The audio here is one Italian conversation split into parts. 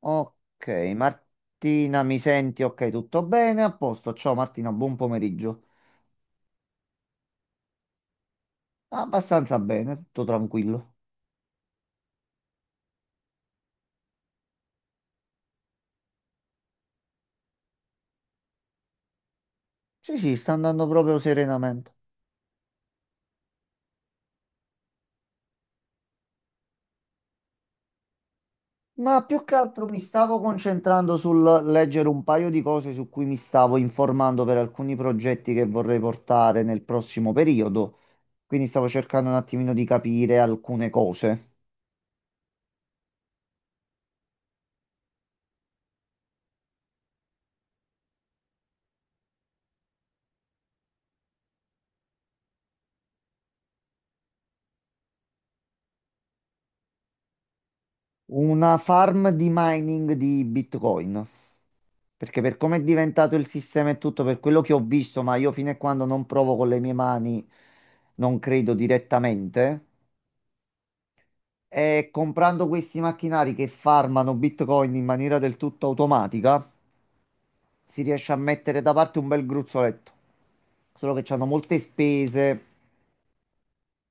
Ok, Martina, mi senti? Ok, tutto bene? A posto. Ciao Martina, buon pomeriggio. Abbastanza bene, tutto tranquillo. Sì, sì, sta andando proprio serenamente. Ma più che altro mi stavo concentrando sul leggere un paio di cose su cui mi stavo informando per alcuni progetti che vorrei portare nel prossimo periodo. Quindi stavo cercando un attimino di capire alcune cose. Una farm di mining di Bitcoin. Perché per come è diventato il sistema e tutto, per quello che ho visto, ma io fino a quando non provo con le mie mani, non credo direttamente, è comprando questi macchinari che farmano Bitcoin in maniera del tutto automatica, si riesce a mettere da parte un bel gruzzoletto. Solo che hanno molte spese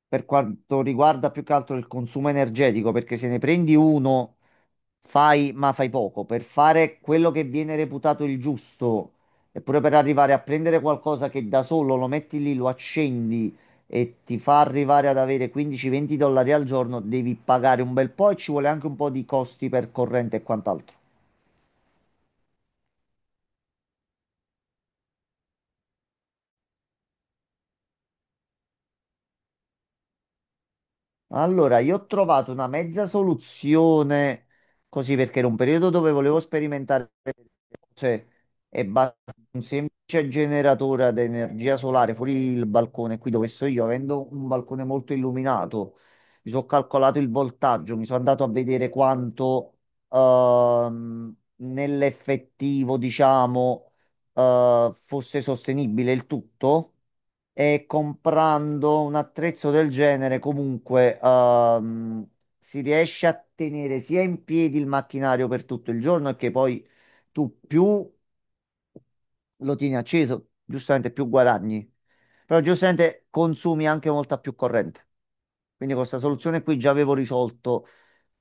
per quanto riguarda più che altro il consumo energetico, perché se ne prendi uno, fai, ma fai poco. Per fare quello che viene reputato il giusto, eppure per arrivare a prendere qualcosa che da solo lo metti lì, lo accendi e ti fa arrivare ad avere 15-20 dollari al giorno, devi pagare un bel po' e ci vuole anche un po' di costi per corrente e quant'altro. Allora, io ho trovato una mezza soluzione, così perché era un periodo dove volevo sperimentare cioè, e basta un semplice generatore ad energia solare fuori il balcone, qui dove sto io, avendo un balcone molto illuminato, mi sono calcolato il voltaggio, mi sono andato a vedere quanto nell'effettivo, diciamo, fosse sostenibile il tutto e comprando un attrezzo del genere comunque si riesce a tenere sia in piedi il macchinario per tutto il giorno e che poi tu più lo tieni acceso, giustamente più guadagni, però giustamente consumi anche molta più corrente. Quindi con questa soluzione qui già avevo risolto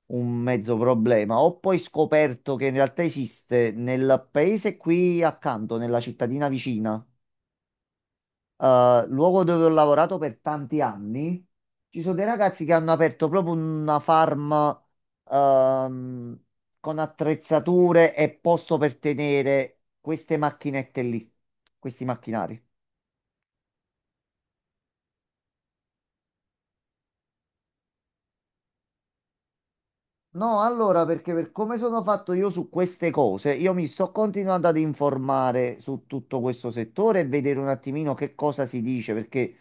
un mezzo problema. Ho poi scoperto che in realtà esiste nel paese qui accanto, nella cittadina vicina, luogo dove ho lavorato per tanti anni, ci sono dei ragazzi che hanno aperto proprio una farm ehm, con attrezzature e posto per tenere queste macchinette lì, questi macchinari. No, allora, perché per come sono fatto io su queste cose, io mi sto continuando ad informare su tutto questo settore e vedere un attimino che cosa si dice, perché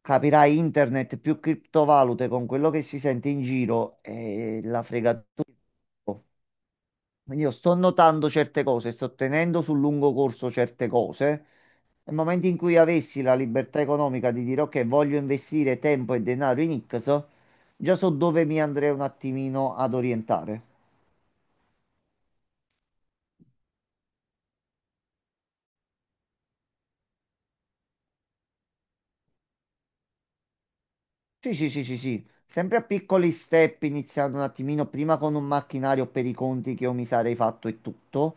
capirai, internet più criptovalute con quello che si sente in giro e la fregatura. Quindi io sto notando certe cose, sto tenendo sul lungo corso certe cose. Nel momento in cui avessi la libertà economica di dire ok, voglio investire tempo e denaro in X, già so dove mi andrei un attimino ad orientare. Sì, sì, sì, sì, sì. Sempre a piccoli step, iniziando un attimino prima con un macchinario per i conti che io mi sarei fatto e tutto.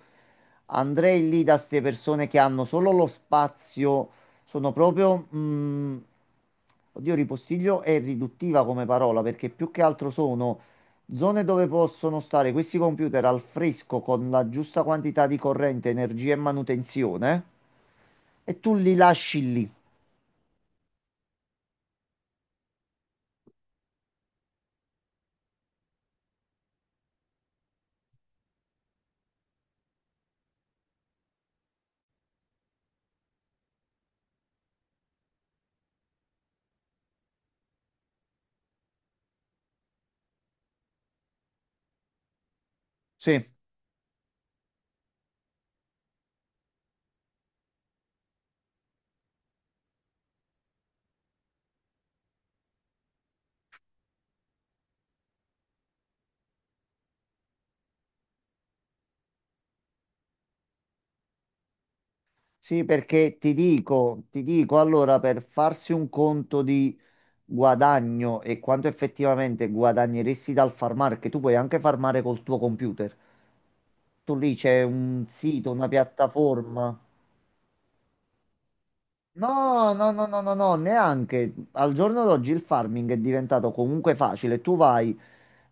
Andrei lì da queste persone che hanno solo lo spazio, sono proprio... oddio, ripostiglio è riduttiva come parola perché più che altro sono zone dove possono stare questi computer al fresco con la giusta quantità di corrente, energia e manutenzione e tu li lasci lì. Sì, sì, perché ti dico, allora per farsi un conto di... guadagno e quanto effettivamente guadagneresti dal farmare, che tu puoi anche farmare col tuo computer. Tu lì c'è un sito, una piattaforma. No, no, no, no, no, no, neanche. Al giorno d'oggi il farming è diventato comunque facile. Tu vai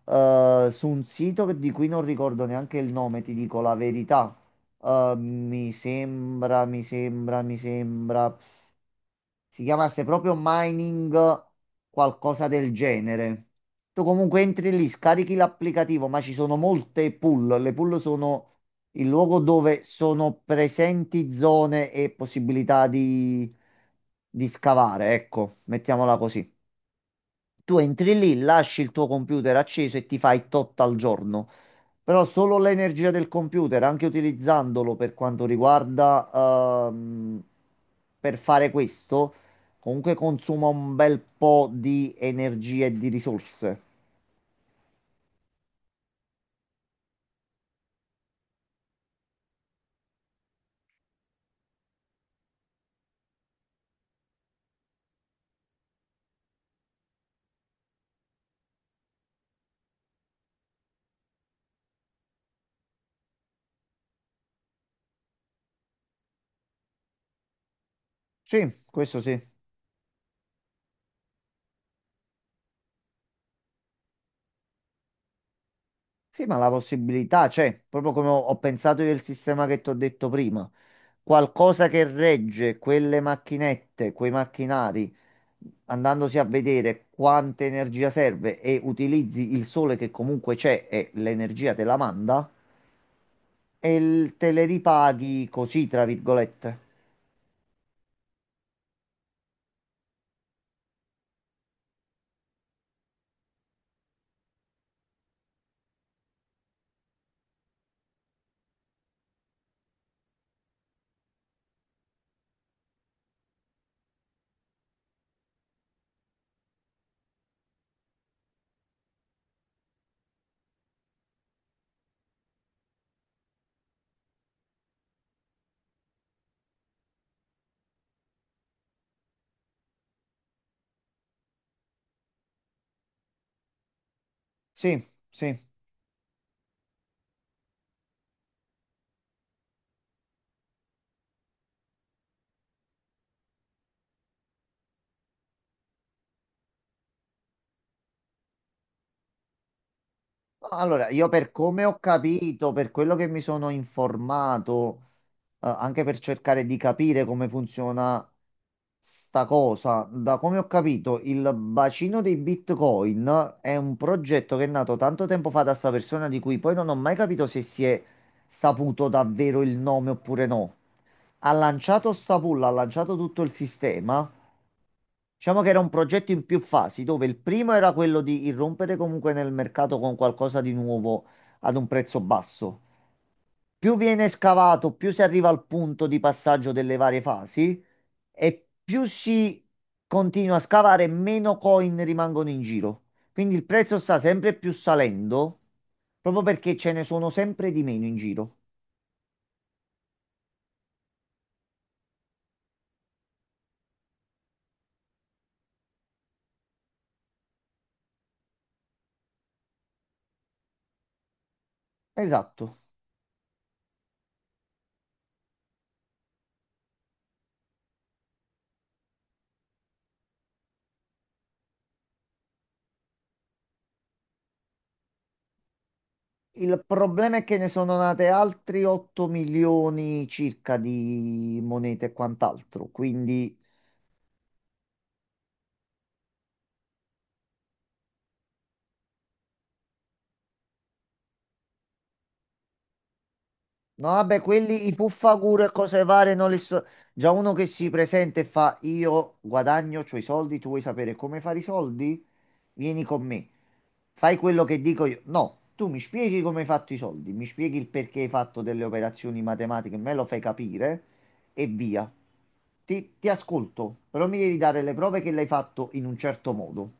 su un sito di cui non ricordo neanche il nome, ti dico la verità. Mi sembra si chiamasse proprio mining, qualcosa del genere. Tu comunque entri lì, scarichi l'applicativo, ma ci sono molte pool. Le pool sono il luogo dove sono presenti zone e possibilità di scavare, ecco, mettiamola così. Tu entri lì, lasci il tuo computer acceso e ti fai tot al giorno. Però solo l'energia del computer, anche utilizzandolo per quanto riguarda per fare questo, comunque consuma un bel po' di energia e di risorse. Sì, questo sì. Sì, ma la possibilità c'è, proprio come ho pensato io il sistema che ti ho detto prima. Qualcosa che regge quelle macchinette, quei macchinari, andandosi a vedere quanta energia serve e utilizzi il sole che comunque c'è e l'energia te la manda e te le ripaghi così, tra virgolette. Sì, sì. Allora, io per come ho capito, per quello che mi sono informato, anche per cercare di capire come funziona sta cosa, da come ho capito, il bacino dei Bitcoin è un progetto che è nato tanto tempo fa da sta persona di cui poi non ho mai capito se si è saputo davvero il nome oppure no. Ha lanciato sta pool, ha lanciato tutto il sistema. Diciamo che era un progetto in più fasi, dove il primo era quello di irrompere comunque nel mercato con qualcosa di nuovo ad un prezzo basso. Più viene scavato, più si arriva al punto di passaggio delle varie fasi e più si continua a scavare, meno coin rimangono in giro. Quindi il prezzo sta sempre più salendo, proprio perché ce ne sono sempre di meno in giro. Esatto. Il problema è che ne sono nate altri 8 milioni circa di monete e quant'altro, quindi no, vabbè, quelli i fuffaguru e cose varie non li so. Già uno che si presenta e fa io guadagno, c'ho i soldi, tu vuoi sapere come fare i soldi? Vieni con me. Fai quello che dico io. No, tu mi spieghi come hai fatto i soldi, mi spieghi il perché hai fatto delle operazioni matematiche, me lo fai capire e via. Ti ascolto, però mi devi dare le prove che l'hai fatto in un certo modo.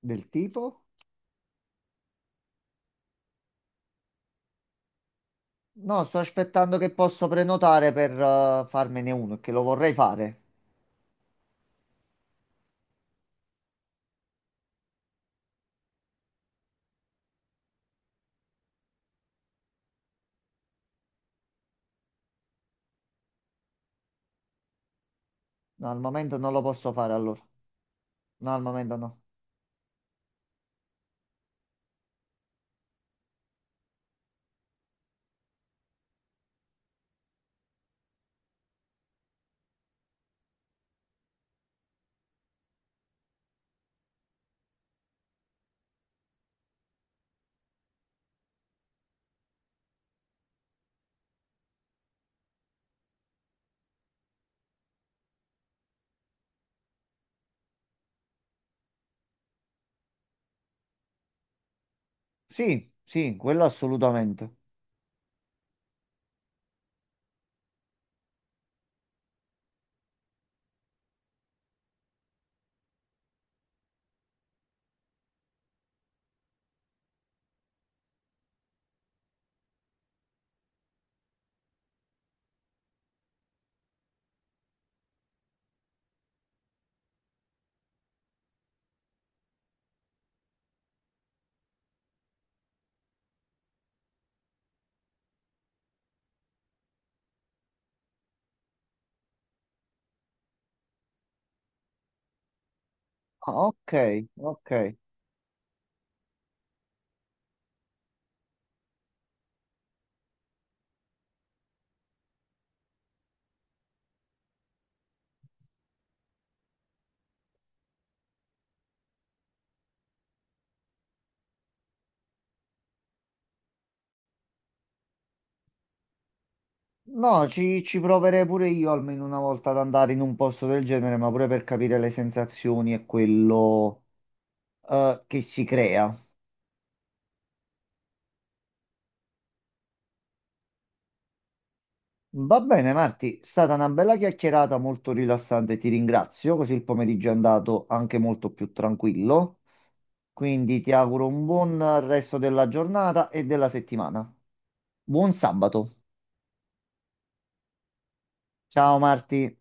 Del tipo? No, sto aspettando che posso prenotare per farmene uno, che lo vorrei fare. No, al momento non lo posso fare allora. No, al momento no. Sì, sì, quello assolutamente. Ah, ok, ok. No, ci proverei pure io almeno una volta ad andare in un posto del genere, ma pure per capire le sensazioni e quello che si crea. Va bene, Marti, è stata una bella chiacchierata molto rilassante, ti ringrazio, così il pomeriggio è andato anche molto più tranquillo. Quindi ti auguro un buon resto della giornata e della settimana. Buon sabato. Ciao Marti.